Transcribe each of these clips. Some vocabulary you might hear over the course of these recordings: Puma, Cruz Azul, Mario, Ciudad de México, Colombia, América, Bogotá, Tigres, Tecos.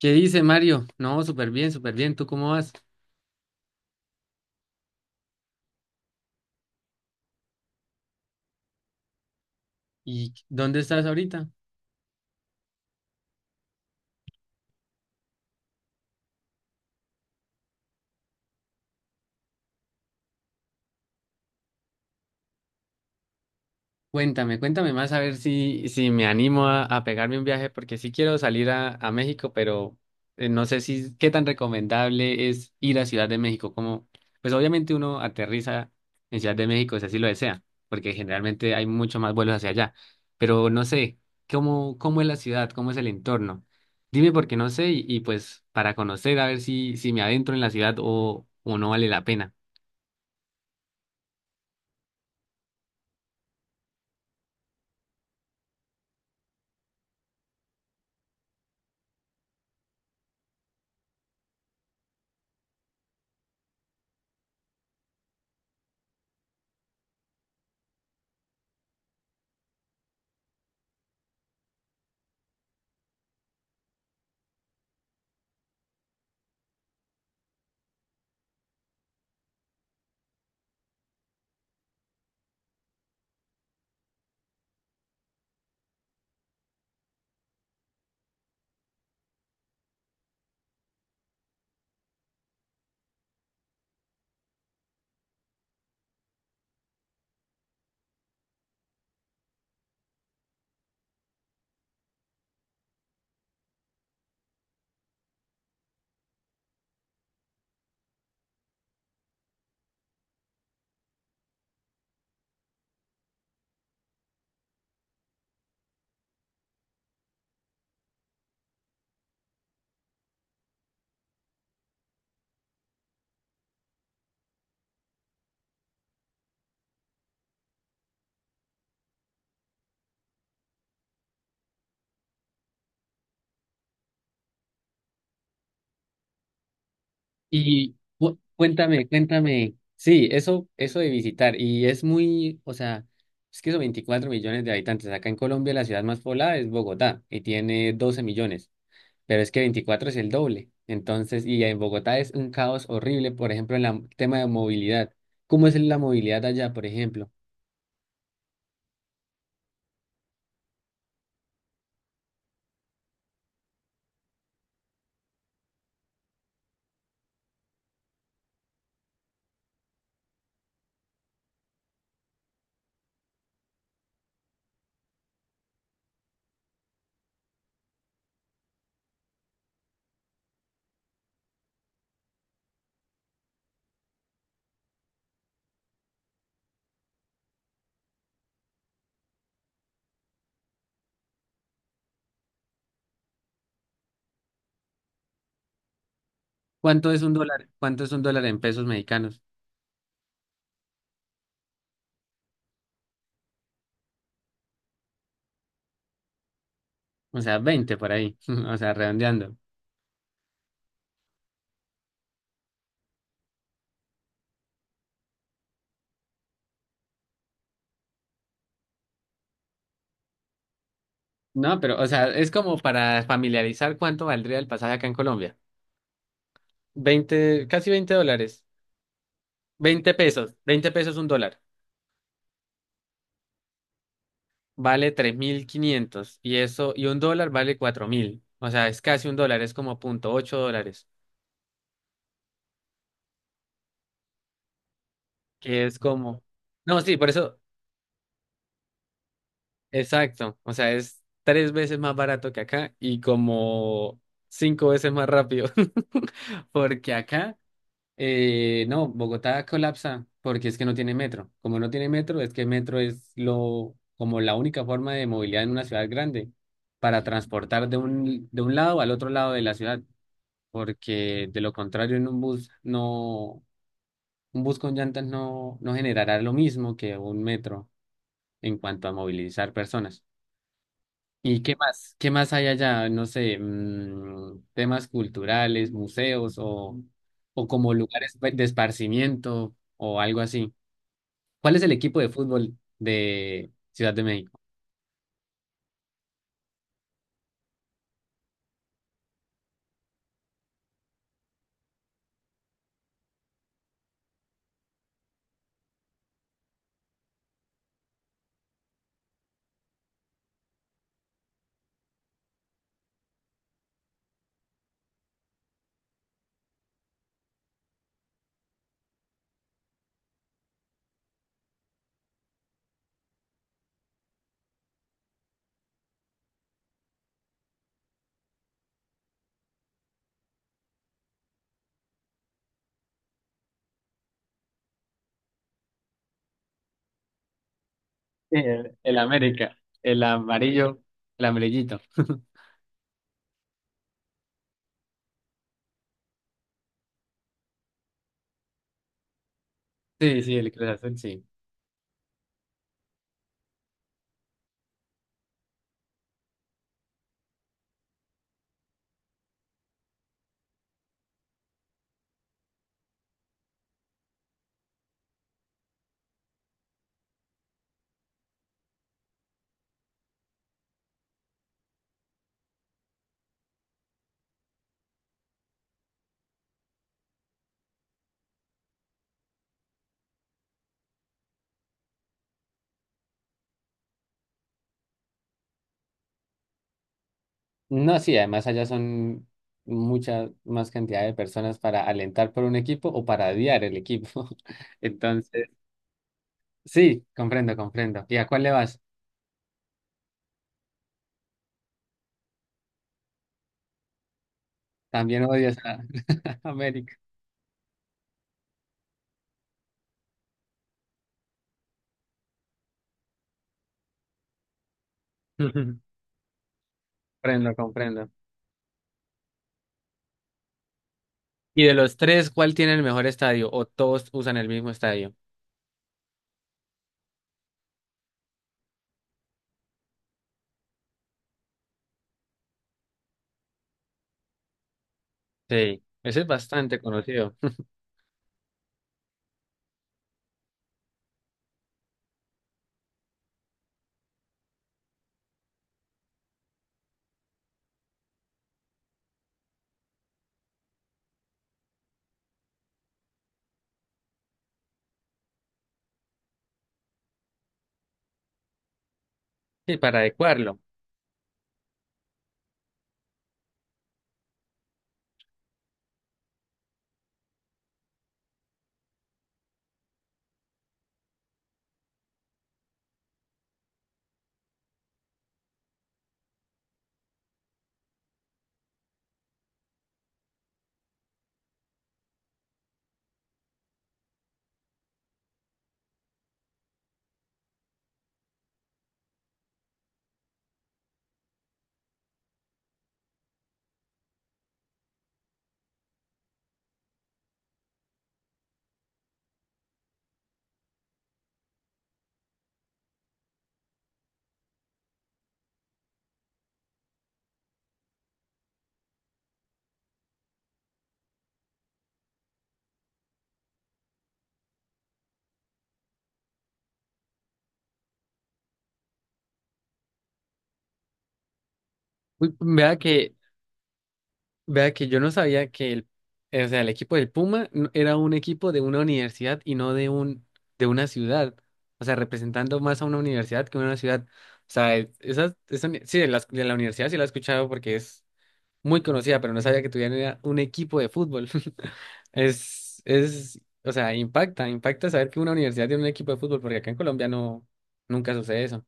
¿Qué dice Mario? No, súper bien, súper bien. ¿Tú cómo vas? ¿Y dónde estás ahorita? Cuéntame, cuéntame más a ver si me animo a pegarme un viaje, porque sí quiero salir a México, pero no sé si qué tan recomendable es ir a Ciudad de México. Como, pues obviamente uno aterriza en Ciudad de México si así lo desea, porque generalmente hay mucho más vuelos hacia allá. Pero no sé, cómo es la ciudad, cómo es el entorno. Dime porque no sé, y pues para conocer a ver si me adentro en la ciudad o no vale la pena. Y cuéntame, cuéntame. Sí, eso de visitar. Y es muy, o sea, es que son 24 millones de habitantes. Acá en Colombia la ciudad más poblada es Bogotá y tiene 12 millones, pero es que 24 es el doble. Entonces, y en Bogotá es un caos horrible, por ejemplo, en el tema de movilidad. ¿Cómo es la movilidad allá, por ejemplo? ¿Cuánto es un dólar? ¿Cuánto es un dólar en pesos mexicanos? O sea, 20 por ahí, o sea, redondeando. No, pero, o sea, es como para familiarizar cuánto valdría el pasaje acá en Colombia. 20 casi 20 dólares. 20 pesos. 20 pesos un dólar. Vale 3.500. Y eso, y un dólar vale 4.000. O sea, es casi un dólar, es como 0,8 dólares. Que es como. No, sí, por eso. Exacto. O sea, es tres veces más barato que acá y como cinco veces más rápido. Porque acá. No, Bogotá colapsa porque es que no tiene metro. Como no tiene metro, es que metro es lo, como la única forma de movilidad en una ciudad grande para transportar de un lado al otro lado de la ciudad, porque de lo contrario en un bus no, un bus con llantas no, no generará lo mismo que un metro en cuanto a movilizar personas. ¿Y qué más? ¿Qué más hay allá? No sé, temas culturales, museos o como lugares de esparcimiento o algo así. ¿Cuál es el equipo de fútbol de Ciudad de México? Sí, el América, el amarillo, el amarillito. Sí, sí, el Cruz Azul, sí. No, sí, además allá son mucha más cantidad de personas para alentar por un equipo o para odiar el equipo. Entonces, sí, comprendo, comprendo. ¿Y a cuál le vas? También odias a América. Comprendo, comprendo. Y de los tres, ¿cuál tiene el mejor estadio? ¿O todos usan el mismo estadio? Sí, ese es bastante conocido. Y para adecuarlo. Uy, vea que yo no sabía que o sea, el equipo del Puma era un equipo de una universidad y no de un, de una ciudad. O sea, representando más a una universidad que a una ciudad. O sea, sí, de la universidad sí la he escuchado porque es muy conocida, pero no sabía que tuviera un equipo de fútbol. O sea, impacta, impacta saber que una universidad tiene un equipo de fútbol, porque acá en Colombia no, nunca sucede eso.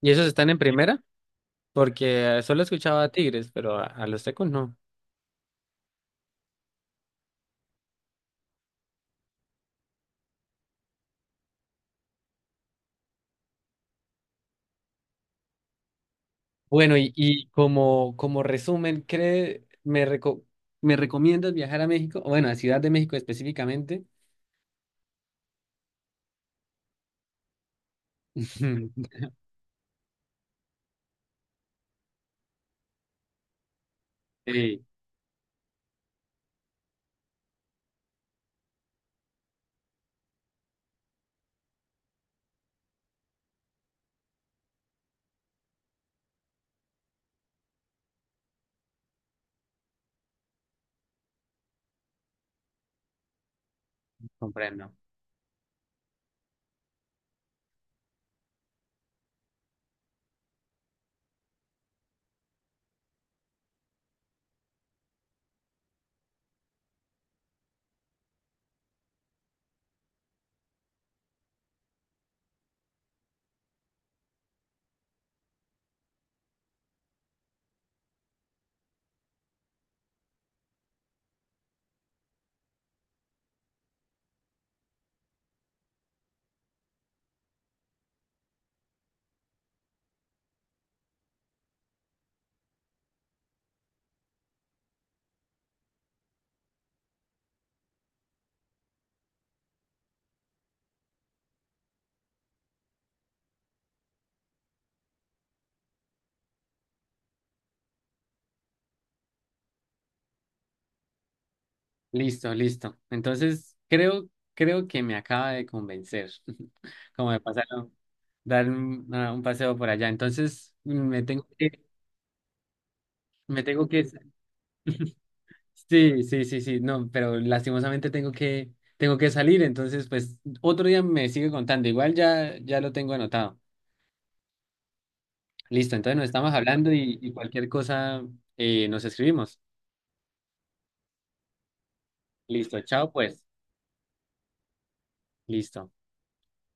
Y esos están en primera, porque solo escuchaba a Tigres, pero a los Tecos no. Bueno, y como, como resumen, ¿ me recomiendas viajar a México? Bueno, a Ciudad de México específicamente. Sí, comprendo. Listo, listo. Entonces, creo que me acaba de convencer, como de pasar a dar a un paseo por allá. Entonces, me tengo que, sí, sí, sí, sí, no, pero lastimosamente tengo que salir. Entonces, pues, otro día me sigue contando. Igual ya, ya lo tengo anotado. Listo, entonces nos estamos hablando y cualquier cosa nos escribimos. Listo, chao, pues. Listo.